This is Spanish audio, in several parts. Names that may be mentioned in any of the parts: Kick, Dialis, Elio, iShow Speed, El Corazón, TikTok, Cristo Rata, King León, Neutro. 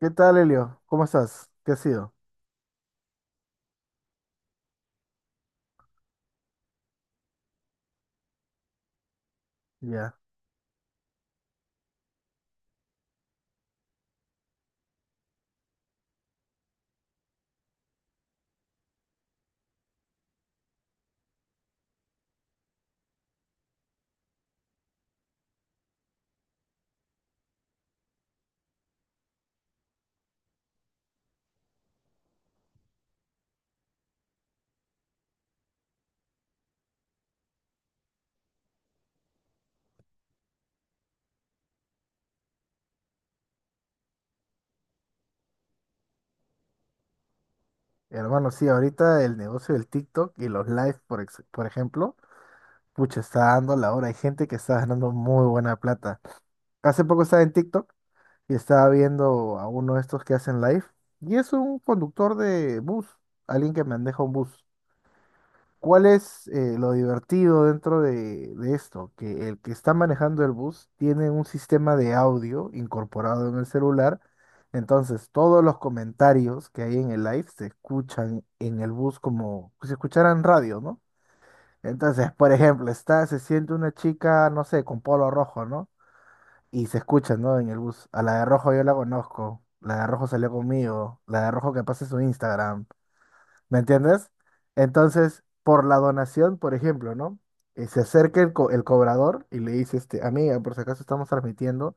¿Qué tal, Elio? ¿Cómo estás? ¿Qué ha sido? Ya, hermano, sí, ahorita el negocio del TikTok y los live, por ejemplo, pucha, está dando la hora. Hay gente que está ganando muy buena plata. Hace poco estaba en TikTok y estaba viendo a uno de estos que hacen live y es un conductor de bus, alguien que maneja un bus. ¿Cuál es lo divertido dentro de esto? Que el que está manejando el bus tiene un sistema de audio incorporado en el celular, entonces todos los comentarios que hay en el live se escuchan en el bus como si escucharan radio, ¿no? Entonces, por ejemplo, se siente una chica, no sé, con polo rojo, ¿no? Y se escucha, ¿no? En el bus. A la de rojo yo la conozco, la de rojo salió conmigo, la de rojo que pase su Instagram. ¿Me entiendes? Entonces, por la donación, por ejemplo, ¿no? Y se acerca el cobrador y le dice, este, amiga, por si acaso estamos transmitiendo,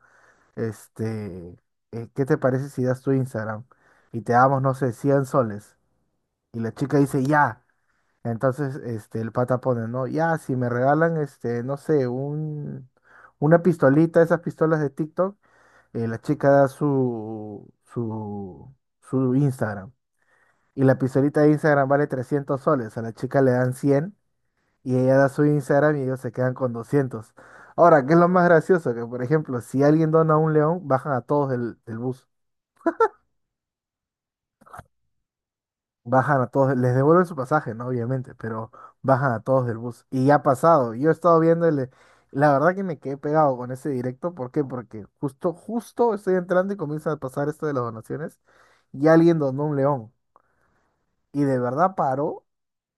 este, ¿qué te parece si das tu Instagram? Y te damos, no sé, 100 soles. Y la chica dice, ya. Entonces, este, el pata pone, ¿no? Ya, si me regalan, este, no sé, una pistolita, esas pistolas de TikTok, la chica da su, su Instagram. Y la pistolita de Instagram vale 300 soles. A la chica le dan 100 y ella da su Instagram y ellos se quedan con 200. Ahora, ¿qué es lo más gracioso? Que, por ejemplo, si alguien dona un león, bajan a todos del bus. Bajan a todos, les devuelven su pasaje, ¿no? Obviamente, pero bajan a todos del bus. Y ya ha pasado. Yo he estado viendo. La verdad que me quedé pegado con ese directo. ¿Por qué? Porque justo, justo estoy entrando y comienza a pasar esto de las donaciones y alguien donó un león. Y de verdad paró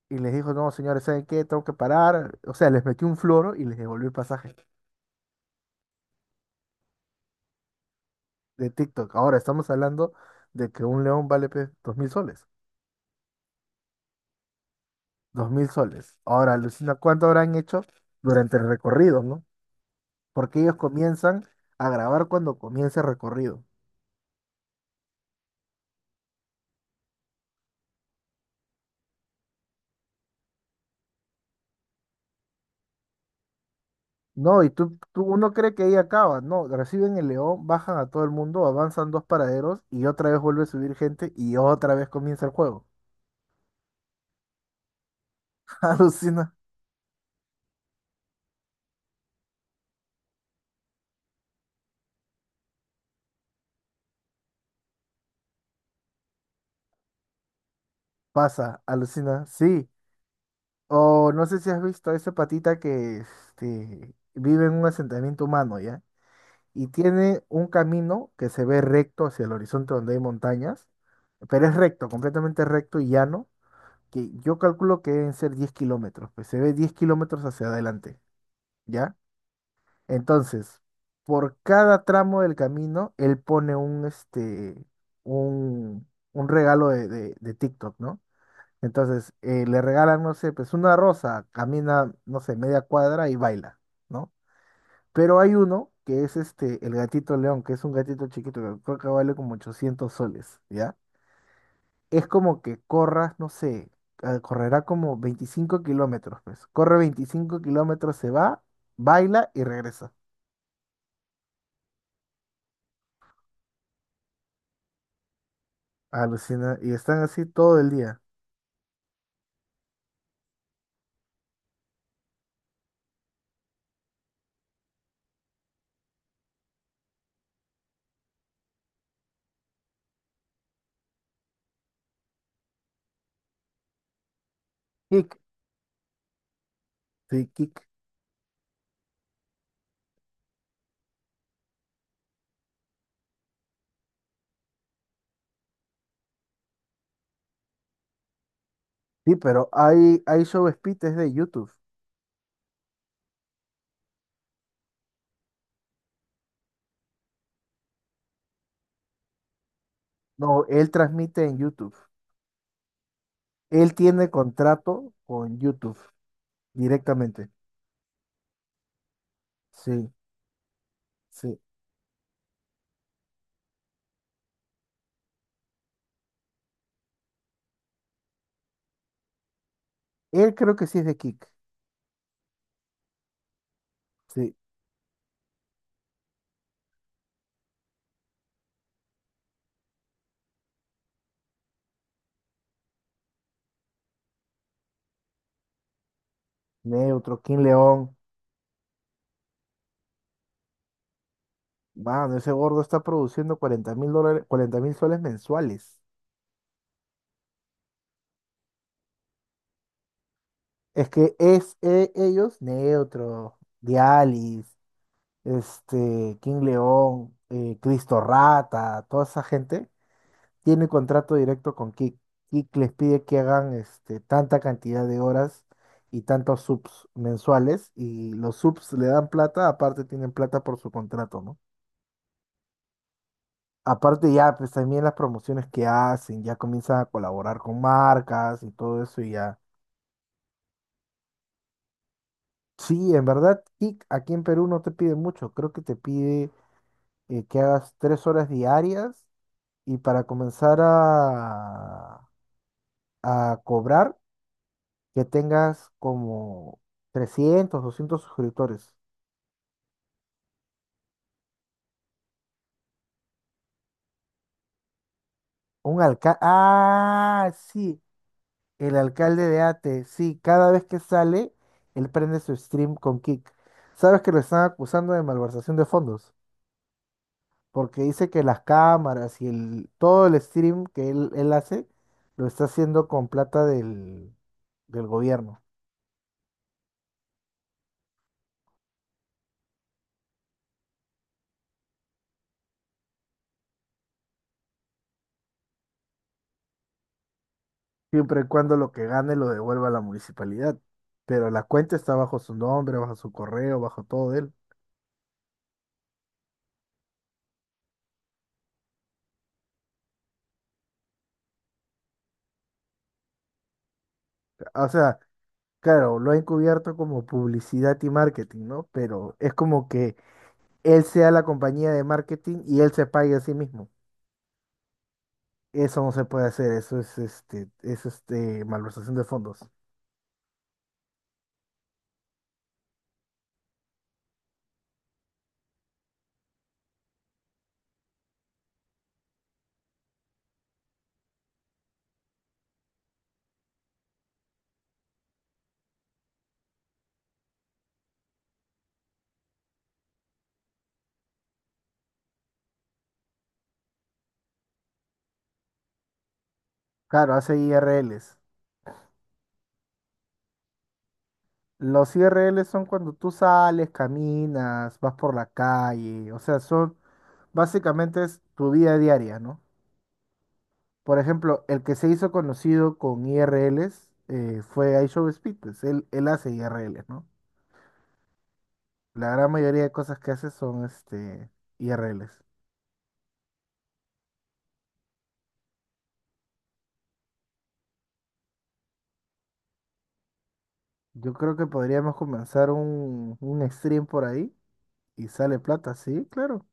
y les dijo, no, señores, ¿saben qué? Tengo que parar. O sea, les metió un floro y les devolvió el pasaje de TikTok. Ahora estamos hablando de que un león vale pues, 2,000 soles. 2,000 soles. Ahora, alucina, ¿cuánto habrán hecho durante el recorrido, no? Porque ellos comienzan a grabar cuando comienza el recorrido. No, y uno cree que ahí acaba. No, reciben el león, bajan a todo el mundo, avanzan dos paraderos y otra vez vuelve a subir gente y otra vez comienza el juego. Alucina, pasa, alucina, sí. O no sé si has visto a esa patita que este, vive en un asentamiento humano, ¿ya? Y tiene un camino que se ve recto hacia el horizonte donde hay montañas, pero es recto, completamente recto y llano, que yo calculo que deben ser 10 kilómetros, pues se ve 10 kilómetros hacia adelante, ¿ya? Entonces, por cada tramo del camino, él pone un, un regalo de TikTok, ¿no? Entonces, le regalan, no sé, pues una rosa, camina, no sé, media cuadra y baila, ¿no? Pero hay uno que es este, el gatito león, que es un gatito chiquito, que creo que vale como 800 soles, ¿ya? Es como que corras, no sé, correrá como 25 kilómetros, pues. Corre 25 kilómetros, se va, baila y regresa. Alucina, y están así todo el día. Kick, sí, kick. Sí, pero hay show es de YouTube. No, él transmite en YouTube. Él tiene contrato con YouTube directamente. Sí, sí. Él creo que sí es de Kick. Sí. Neutro, King León. Mano, ese gordo está produciendo $40,000, 40,000 soles mensuales. Es que es ellos, Neutro, Dialis, este, King León, Cristo Rata, toda esa gente, tiene contrato directo con Kick. Kick les pide que hagan este, tanta cantidad de horas y tantos subs mensuales y los subs le dan plata, aparte tienen plata por su contrato, ¿no? Aparte ya, pues también las promociones que hacen, ya comienzan a colaborar con marcas y todo eso y ya. Sí, en verdad, Kick aquí en Perú no te pide mucho, creo que te pide que hagas 3 horas diarias y para comenzar a cobrar que tengas como 300 200 suscriptores. Un alcalde. Ah, sí, el alcalde de Ate. Sí, cada vez que sale, él prende su stream con Kick. Sabes que lo están acusando de malversación de fondos, porque dice que las cámaras y todo el stream que él hace lo está haciendo con plata del gobierno, siempre y cuando lo que gane lo devuelva a la municipalidad. Pero la cuenta está bajo su nombre, bajo su correo, bajo todo de él. O sea, claro, lo ha encubierto como publicidad y marketing, ¿no? Pero es como que él sea la compañía de marketing y él se pague a sí mismo. Eso no se puede hacer, eso es malversación de fondos. Claro, hace IRLs. Los IRLs son cuando tú sales, caminas, vas por la calle, o sea, son básicamente es tu vida diaria, ¿no? Por ejemplo, el que se hizo conocido con IRLs fue iShow Speed, pues él hace IRLs, ¿no? La gran mayoría de cosas que haces son este IRLs. Yo creo que podríamos comenzar un stream por ahí y sale plata, sí, claro.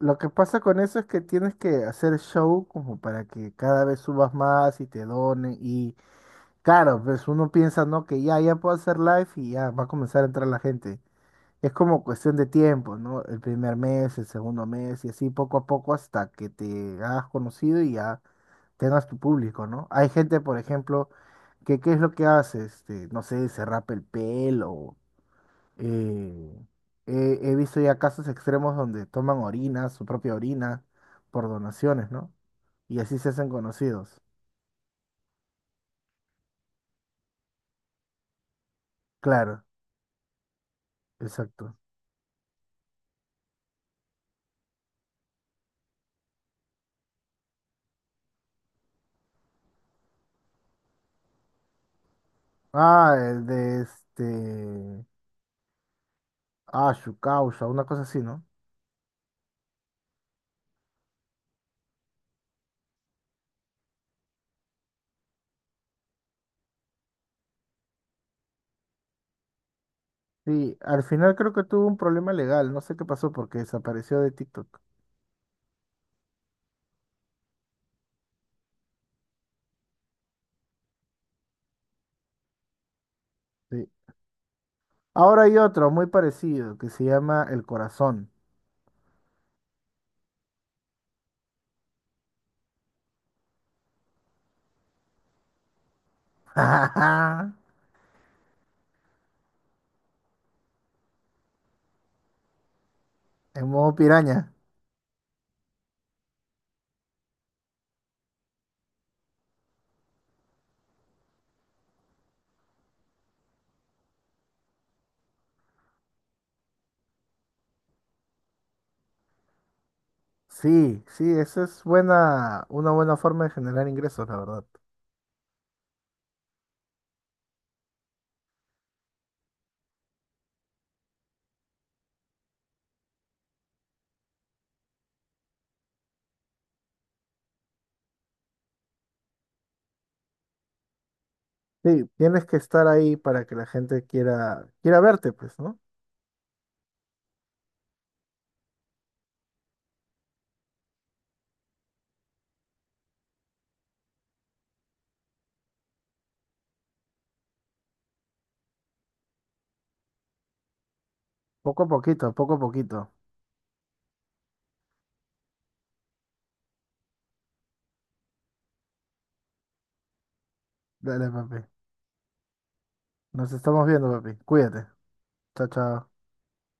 Lo que pasa con eso es que tienes que hacer show como para que cada vez subas más y te donen. Y claro, pues uno piensa, ¿no? Que ya, ya puedo hacer live y ya va a comenzar a entrar la gente. Es como cuestión de tiempo, ¿no? El primer mes, el segundo mes y así poco a poco hasta que te hagas conocido y ya tengas tu público, ¿no? Hay gente, por ejemplo, que qué es lo que hace, este, no sé, se rapa el pelo. eh, he visto ya casos extremos donde toman orina, su propia orina, por donaciones, ¿no? Y así se hacen conocidos. Claro, exacto. Ah, el de este. Ah, su causa, una cosa así, ¿no? Sí, al final creo que tuvo un problema legal, no sé qué pasó porque desapareció de TikTok. Sí. Ahora hay otro muy parecido que se llama El Corazón. Ajá, en modo piraña. Sí, sí, esa es buena, una buena forma de generar ingresos, la verdad. Sí, tienes que estar ahí para que la gente quiera verte, pues, ¿no? Poco a poquito, poco a poquito. Dale, papi. Nos estamos viendo, papi. Cuídate. Chao, chao.